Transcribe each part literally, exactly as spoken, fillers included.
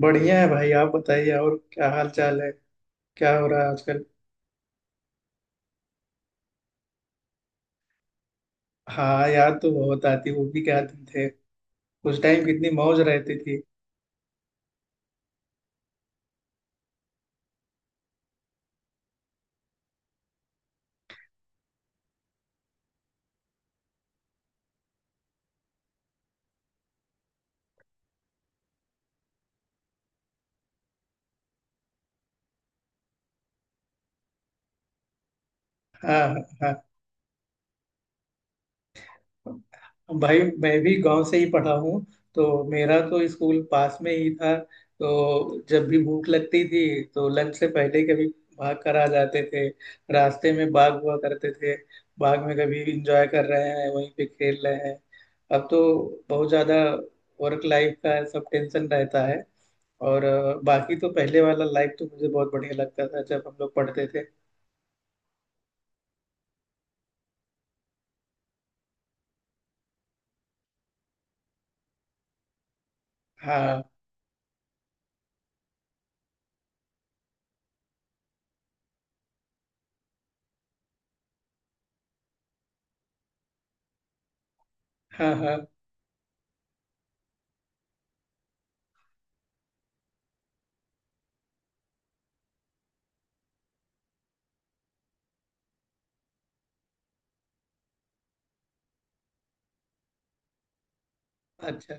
बढ़िया है भाई। आप बताइए, और क्या हाल चाल है। क्या हो रहा है आजकल। हाँ, याद तो बहुत आती, वो भी क्या दिन थे। उस टाइम कितनी मौज रहती थी। हाँ, हाँ, हाँ। भाई मैं भी गांव से ही पढ़ा हूँ। तो मेरा तो स्कूल पास में ही था। तो जब भी भूख लगती थी तो लंच से पहले कभी भाग कर आ जाते थे। रास्ते में बाग हुआ करते थे। बाग में कभी इंजॉय कर रहे हैं, वहीं पे खेल रहे हैं। अब तो बहुत ज्यादा वर्क लाइफ का सब टेंशन रहता है। और अ, बाकी तो पहले वाला लाइफ तो मुझे बहुत बढ़िया लगता था जब हम लोग पढ़ते थे। हाँ, हाँ, हाँ। अच्छा,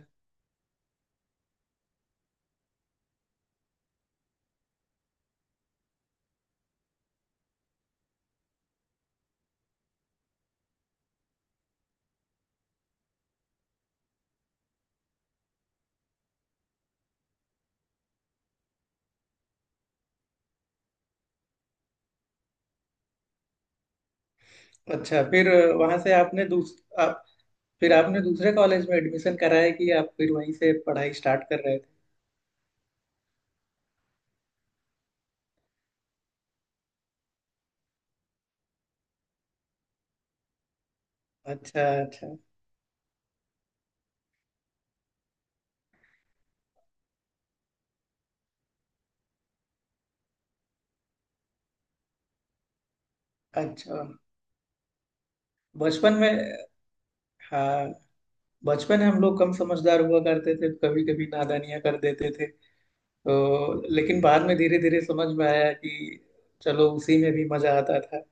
अच्छा। फिर वहां से आपने दूस आप फिर आपने दूसरे कॉलेज में एडमिशन कराया, कि आप फिर वहीं से पढ़ाई स्टार्ट कर रहे थे। अच्छा, अच्छा, अच्छा। बचपन में हाँ, बचपन में हम लोग कम समझदार हुआ करते थे, कभी कभी नादानियां कर देते थे। तो लेकिन बाद में धीरे धीरे समझ में आया कि चलो, उसी में भी मजा आता था।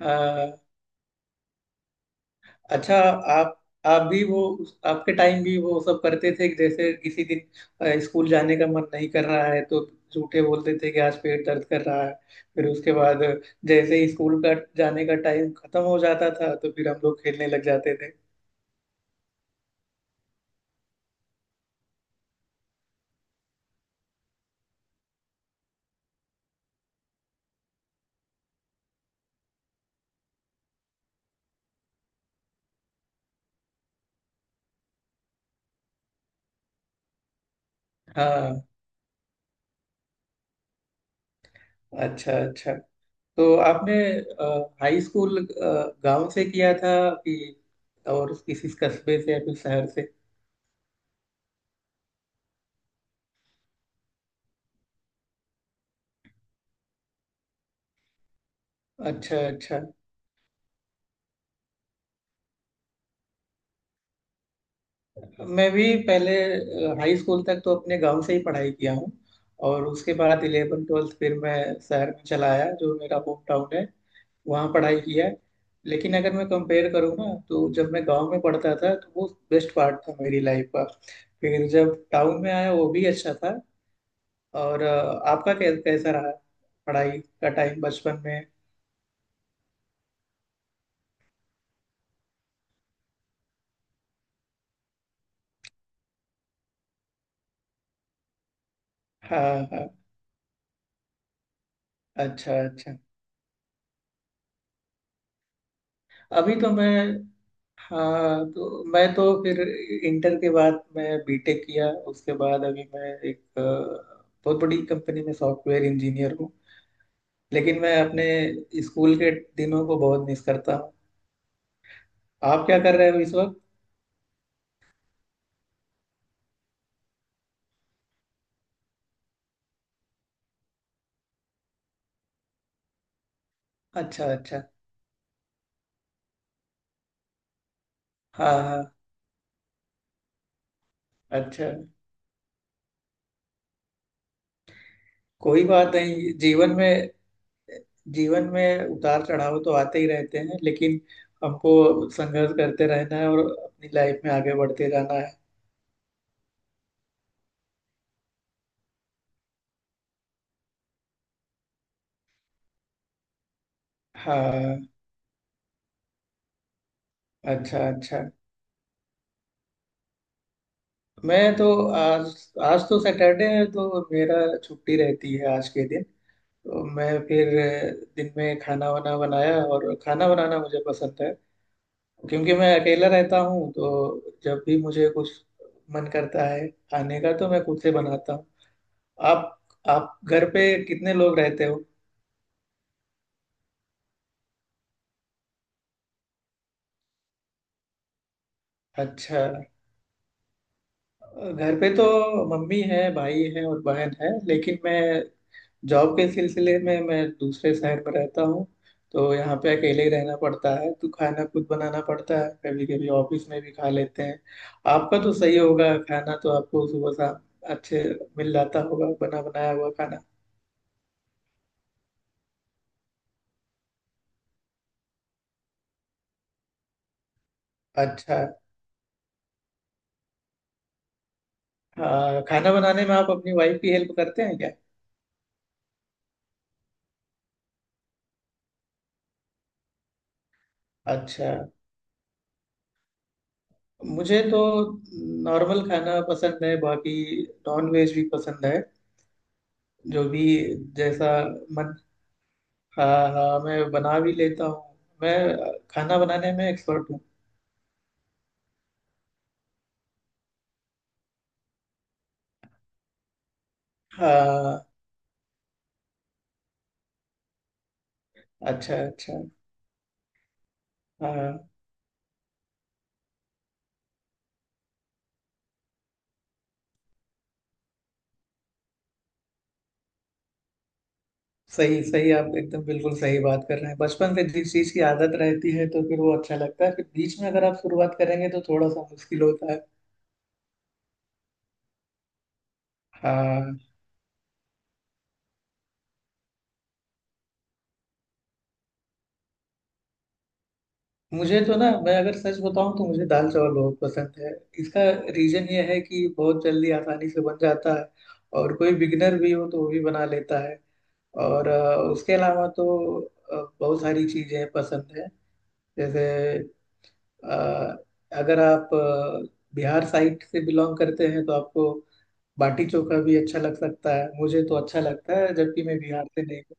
हाँ। अच्छा। आप आप भी वो आपके टाइम भी वो सब करते थे, कि जैसे किसी दिन अ, स्कूल जाने का मन नहीं कर रहा है तो झूठे बोलते थे कि आज पेट दर्द कर रहा है। फिर उसके बाद जैसे ही स्कूल का जाने का टाइम खत्म हो जाता था तो फिर हम लोग खेलने लग जाते थे। हाँ। अच्छा, अच्छा। तो आपने हाई स्कूल गांव से किया था, कि और किसी कस्बे से या फिर शहर से। अच्छा, अच्छा। मैं भी पहले हाई स्कूल तक तो अपने गांव से ही पढ़ाई किया हूँ। और उसके बाद इलेवन ट्वेल्थ फिर मैं शहर में चला आया, जो मेरा होम टाउन है। वहाँ पढ़ाई किया है। लेकिन अगर मैं कंपेयर करूँ ना, तो जब मैं गांव में पढ़ता था तो वो बेस्ट पार्ट था मेरी लाइफ का। फिर जब टाउन में आया वो भी अच्छा था। और अ, आपका कै- कैसा रहा पढ़ाई का टाइम बचपन में। हाँ, हाँ। अच्छा, अच्छा। अभी तो मैं हाँ, तो मैं तो फिर इंटर के बाद मैं बीटेक किया। उसके बाद अभी मैं एक अ, बहुत बड़ी कंपनी में सॉफ्टवेयर इंजीनियर हूँ। लेकिन मैं अपने स्कूल के दिनों को बहुत मिस करता हूँ। आप क्या कर रहे हो इस वक्त। अच्छा, अच्छा। हाँ, हाँ। अच्छा। कोई बात नहीं, जीवन में जीवन में उतार चढ़ाव तो आते ही रहते हैं, लेकिन हमको संघर्ष करते रहना है और अपनी लाइफ में आगे बढ़ते जाना है। हाँ। अच्छा, अच्छा। मैं तो आज आज तो सैटरडे है, तो मेरा छुट्टी रहती है आज के दिन। तो मैं फिर अ, दिन में खाना वाना बनाया, और खाना बनाना मुझे पसंद है। क्योंकि मैं अकेला रहता हूँ तो जब भी मुझे कुछ मन करता है खाने का तो मैं खुद से बनाता हूँ। आप आप घर पे कितने लोग रहते हो। अच्छा। घर पे तो मम्मी है, भाई है और बहन है, लेकिन मैं जॉब के सिलसिले में मैं दूसरे शहर में रहता हूँ। तो यहाँ पे अकेले ही रहना पड़ता है, तो खाना खुद बनाना पड़ता है, कभी कभी ऑफिस में भी खा लेते हैं। आपका तो सही होगा, खाना तो आपको सुबह शाम अच्छे मिल जाता होगा बना बनाया हुआ खाना। अच्छा। हाँ, खाना बनाने में आप अपनी वाइफ की हेल्प करते हैं क्या। अच्छा। मुझे तो नॉर्मल खाना पसंद है। बाकी नॉन वेज भी पसंद है, जो भी जैसा मन। हाँ, हाँ, मैं बना भी लेता हूँ। मैं खाना बनाने में एक्सपर्ट हूँ। हाँ। अच्छा, अच्छा। हाँ, सही सही आप एकदम बिल्कुल सही बात कर रहे हैं। बचपन से जिस चीज की आदत रहती है तो फिर वो अच्छा लगता है, फिर बीच में अगर आप शुरुआत करेंगे तो थोड़ा सा मुश्किल होता है। हाँ, मुझे तो ना, मैं अगर सच बताऊं तो मुझे दाल चावल बहुत पसंद है। इसका रीजन ये है कि बहुत जल्दी आसानी से बन जाता है। और कोई बिगनर भी हो तो वो भी बना लेता है। और अ, उसके अलावा तो अ, बहुत सारी चीजें पसंद है। जैसे अ, अगर आप अ, बिहार साइड से बिलोंग करते हैं तो आपको बाटी चोखा भी अच्छा लग सकता है। मुझे तो अच्छा लगता है, जबकि मैं बिहार से नहीं हूँ।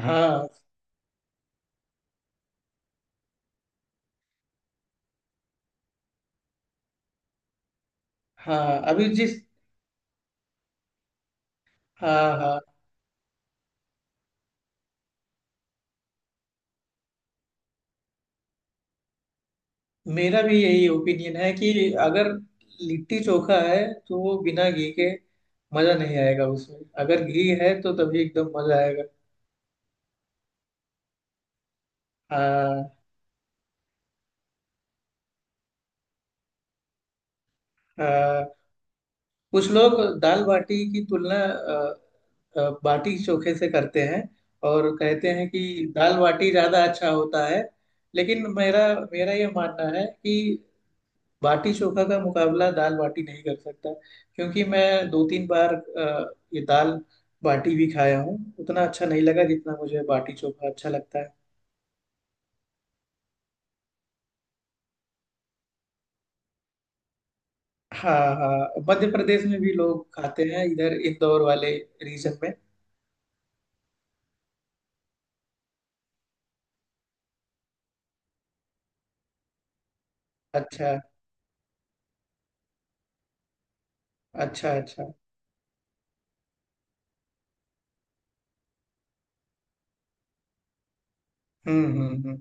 हाँ, हाँ, अभी जिस हाँ, हाँ, मेरा भी यही ओपिनियन है कि अगर लिट्टी चोखा है तो वो बिना घी के मजा नहीं आएगा उसमें। अगर घी है तो तभी एकदम मजा आएगा। हाँ, हाँ, कुछ लोग दाल बाटी की तुलना अ, अ, बाटी चोखे से करते हैं। और कहते हैं कि दाल बाटी ज़्यादा अच्छा होता है। लेकिन मेरा मेरा ये मानना है कि बाटी चोखा का मुकाबला दाल बाटी नहीं कर सकता। क्योंकि मैं दो तीन बार अ, ये दाल बाटी भी खाया हूँ, उतना अच्छा नहीं लगा जितना मुझे बाटी चोखा अच्छा लगता है। हाँ, हाँ, मध्य प्रदेश में भी लोग खाते हैं, इधर इंदौर वाले रीजन में। अच्छा, अच्छा, अच्छा। हम्म, हम्म, हम्म।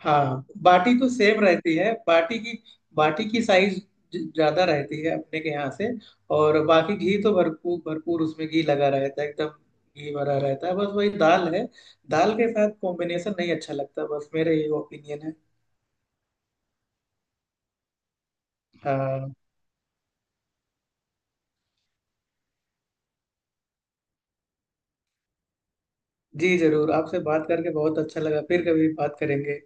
हाँ, बाटी तो सेम रहती है बाटी की। बाटी की साइज ज्यादा रहती है अपने के यहाँ से। और बाकी घी तो भरपूर भरपूर उसमें घी लगा रहता है एकदम। घी भरा रहता है, बस वही दाल है। दाल के साथ कॉम्बिनेशन नहीं अच्छा लगता, बस मेरे ये ओपिनियन है। हाँ। जी जरूर, आपसे बात करके बहुत अच्छा लगा, फिर कभी बात करेंगे।